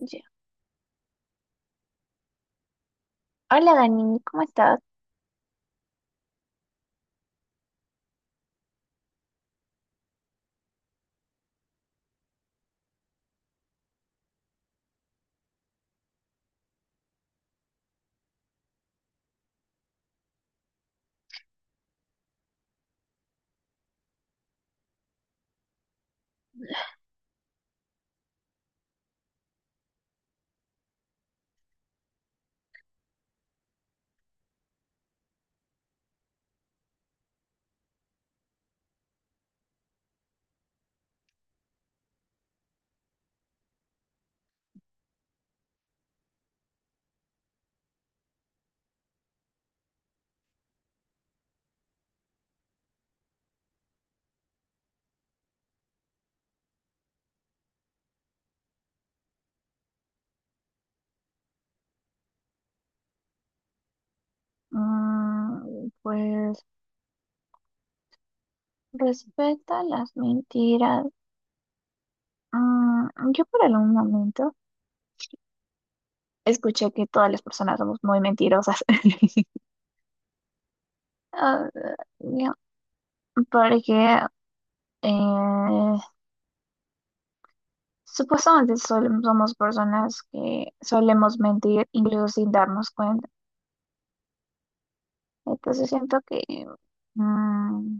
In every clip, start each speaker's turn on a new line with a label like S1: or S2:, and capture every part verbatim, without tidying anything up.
S1: Ya. Hola Dani, ¿cómo estás? Mm, pues respeta las mentiras, mm, yo por algún momento escuché que todas las personas somos muy mentirosas. Ah, ya, porque eh, supuestamente sol- somos personas que solemos mentir incluso sin darnos cuenta. Entonces siento que mm,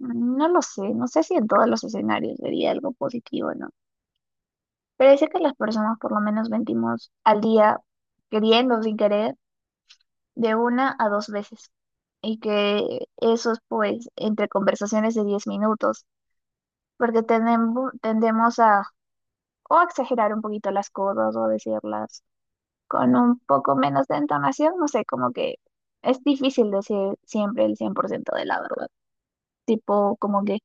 S1: no lo sé, no sé si en todos los escenarios sería algo positivo, ¿no? Parece que las personas por lo menos mentimos al día, queriendo o sin querer, de una a dos veces. Y que eso es pues entre conversaciones de diez minutos, porque tenemos, tendemos a o exagerar un poquito las cosas o decirlas con un poco menos de entonación, no sé, como que es difícil decir siempre el cien por ciento de la verdad. Tipo, como que,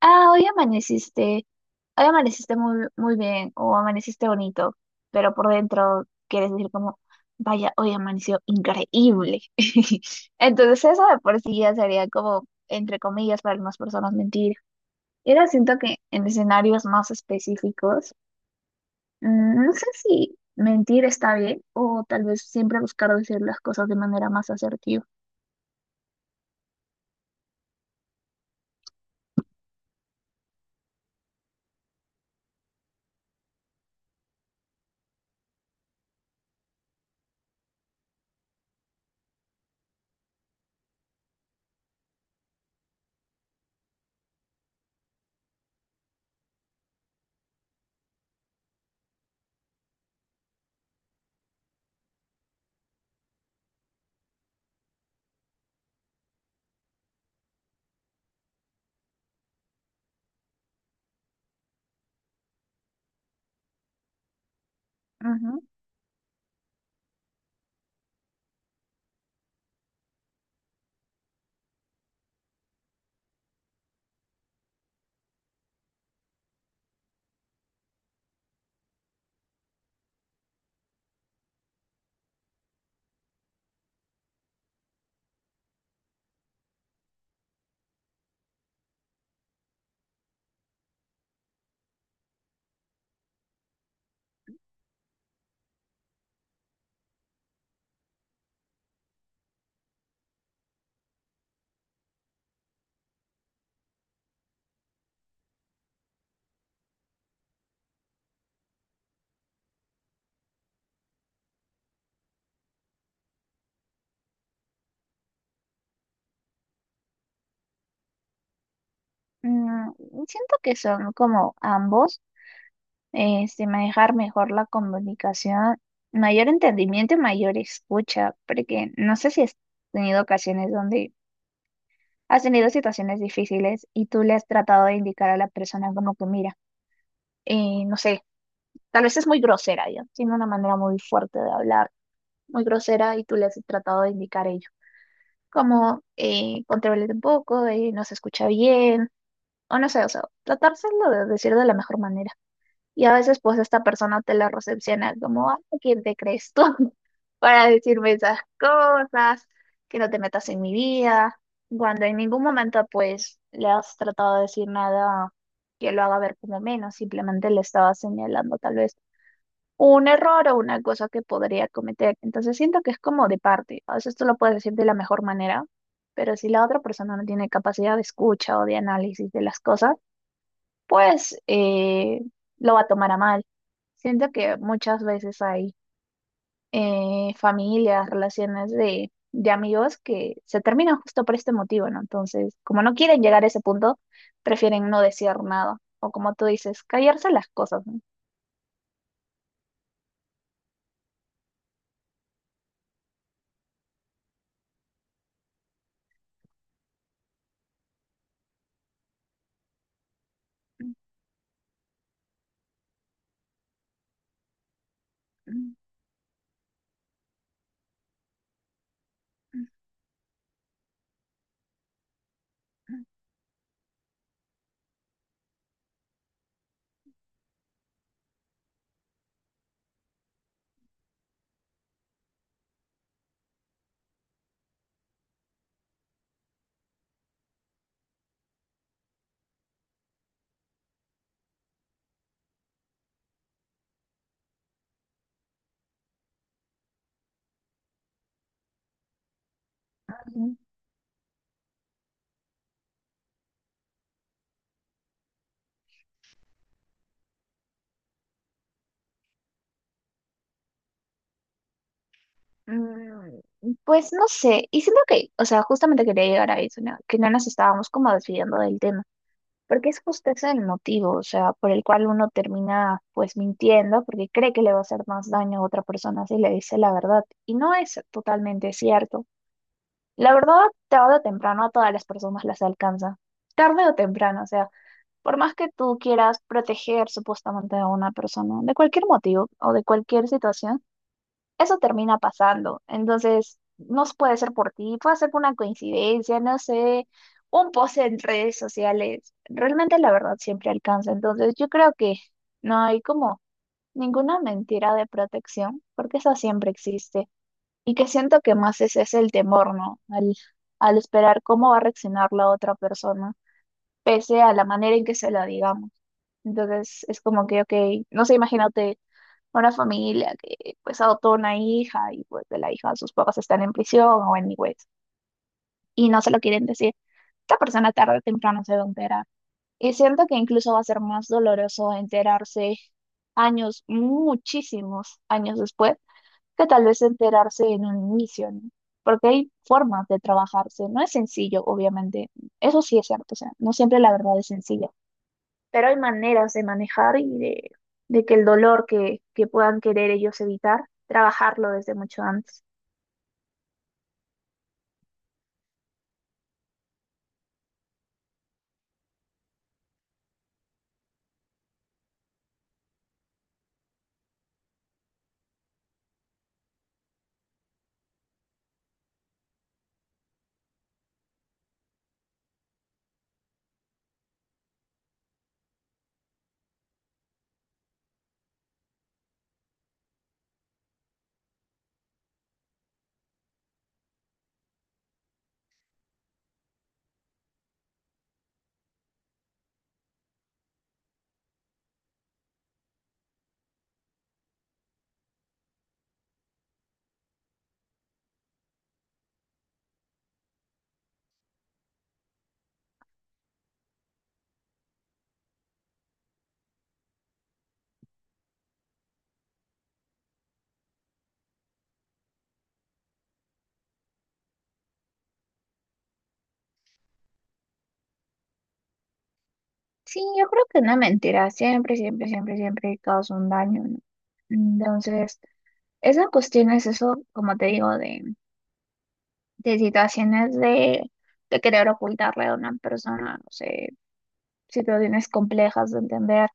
S1: ah, hoy amaneciste, hoy amaneciste muy, muy bien o amaneciste bonito, pero por dentro quieres decir como, vaya, hoy amaneció increíble. Entonces eso de por sí ya sería como, entre comillas, para algunas personas mentira. Y ahora siento que en escenarios más específicos, mm, no sé si mentir está bien o tal vez siempre buscar decir las cosas de manera más asertiva. Ujú. Mm, siento que son como ambos. Este, manejar mejor la comunicación, mayor entendimiento y mayor escucha, porque no sé si has tenido ocasiones donde has tenido situaciones difíciles y tú le has tratado de indicar a la persona como que mira, eh, no sé, tal vez es muy grosera, ya, tiene una manera muy fuerte de hablar, muy grosera y tú le has tratado de indicar ello, como eh, "Contrólate un poco, eh, no se escucha bien, o no sé, o sea, tratárselo de decir de la mejor manera. Y a veces pues esta persona te la recepciona como, "Ah, ¿quién te crees tú? Para decirme esas cosas, que no te metas en mi vida, cuando en ningún momento pues le has tratado de decir nada que lo haga ver como menos, simplemente le estaba señalando tal vez un error o una cosa que podría cometer. Entonces siento que es como de parte, a veces tú lo puedes decir de la mejor manera, pero si la otra persona no tiene capacidad de escucha o de análisis de las cosas, pues eh, lo va a tomar a mal. Siento que muchas veces hay eh, familias, relaciones de, de amigos que se terminan justo por este motivo, ¿no? Entonces, como no quieren llegar a ese punto, prefieren no decir nada. O como tú dices, callarse las cosas, ¿no? Ujú. Mm, Pues no sé, y siento que, o sea, justamente quería llegar a eso, ¿no? Que no nos estábamos como desviando del tema. Porque es justo ese el motivo, o sea, por el cual uno termina pues mintiendo porque cree que le va a hacer más daño a otra persona si le dice la verdad. Y no es totalmente cierto. La verdad, tarde o temprano a todas las personas las alcanza. Tarde o temprano, o sea, por más que tú quieras proteger supuestamente a una persona de cualquier motivo o de cualquier situación, eso termina pasando. Entonces, no puede ser por ti, puede ser por una coincidencia, no sé, un post en redes sociales. Realmente la verdad siempre alcanza. Entonces, yo creo que no hay como ninguna mentira de protección, porque eso siempre existe. Y que siento que más ese es el temor, ¿no? Al, al esperar cómo va a reaccionar la otra persona, pese a la manera en que se la digamos. Entonces, es como que, ok, no sé, imagínate una familia que pues adoptó una hija y pues de la hija sus papás están en prisión o en anyways y no se lo quieren decir. Esta persona tarde o temprano se va a enterar. Y siento que incluso va a ser más doloroso enterarse años, muchísimos años después, que tal vez enterarse en un inicio, ¿no? Porque hay formas de trabajarse, no es sencillo, obviamente. Eso sí es cierto, o sea, no siempre la verdad es sencilla. Pero hay maneras de manejar y de, de que el dolor que, que puedan querer ellos evitar, trabajarlo desde mucho antes. Sí, yo creo que una mentira siempre, siempre, siempre, siempre causa un daño, ¿no? Entonces, esa cuestión es eso, como te digo, de, de situaciones de, de querer ocultarle a una persona, no sé, situaciones complejas de entender.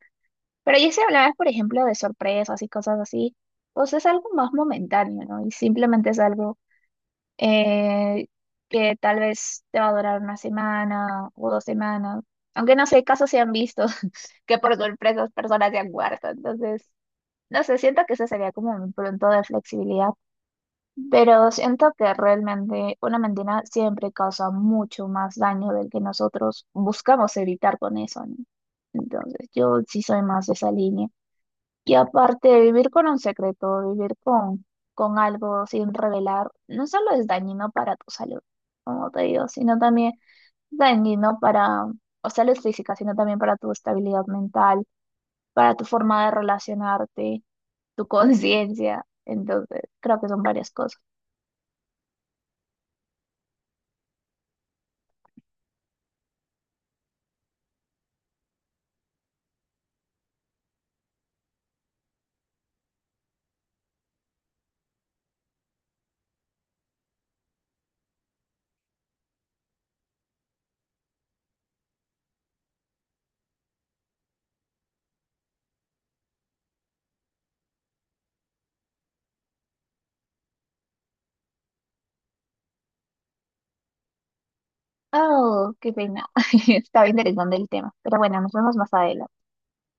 S1: Pero ya si hablabas, por ejemplo, de sorpresas y cosas así, pues es algo más momentáneo, ¿no? Y simplemente es algo eh, que tal vez te va a durar una semana o dos semanas, aunque no sé, casos se han visto que por sorpresas personas se han muerto, entonces, no sé, siento que eso sería como un punto de flexibilidad, pero siento que realmente una mentira siempre causa mucho más daño del que nosotros buscamos evitar con eso, ¿no? Entonces, yo sí soy más de esa línea. Y aparte de vivir con un secreto, vivir con, con algo sin revelar, no solo es dañino para tu salud, como te digo, sino también dañino para, o salud física, sino también para tu estabilidad mental, para tu forma de relacionarte, tu conciencia. Entonces, creo que son varias cosas. Oh, qué pena. Estaba interesante el tema. Pero bueno, nos vemos más adelante.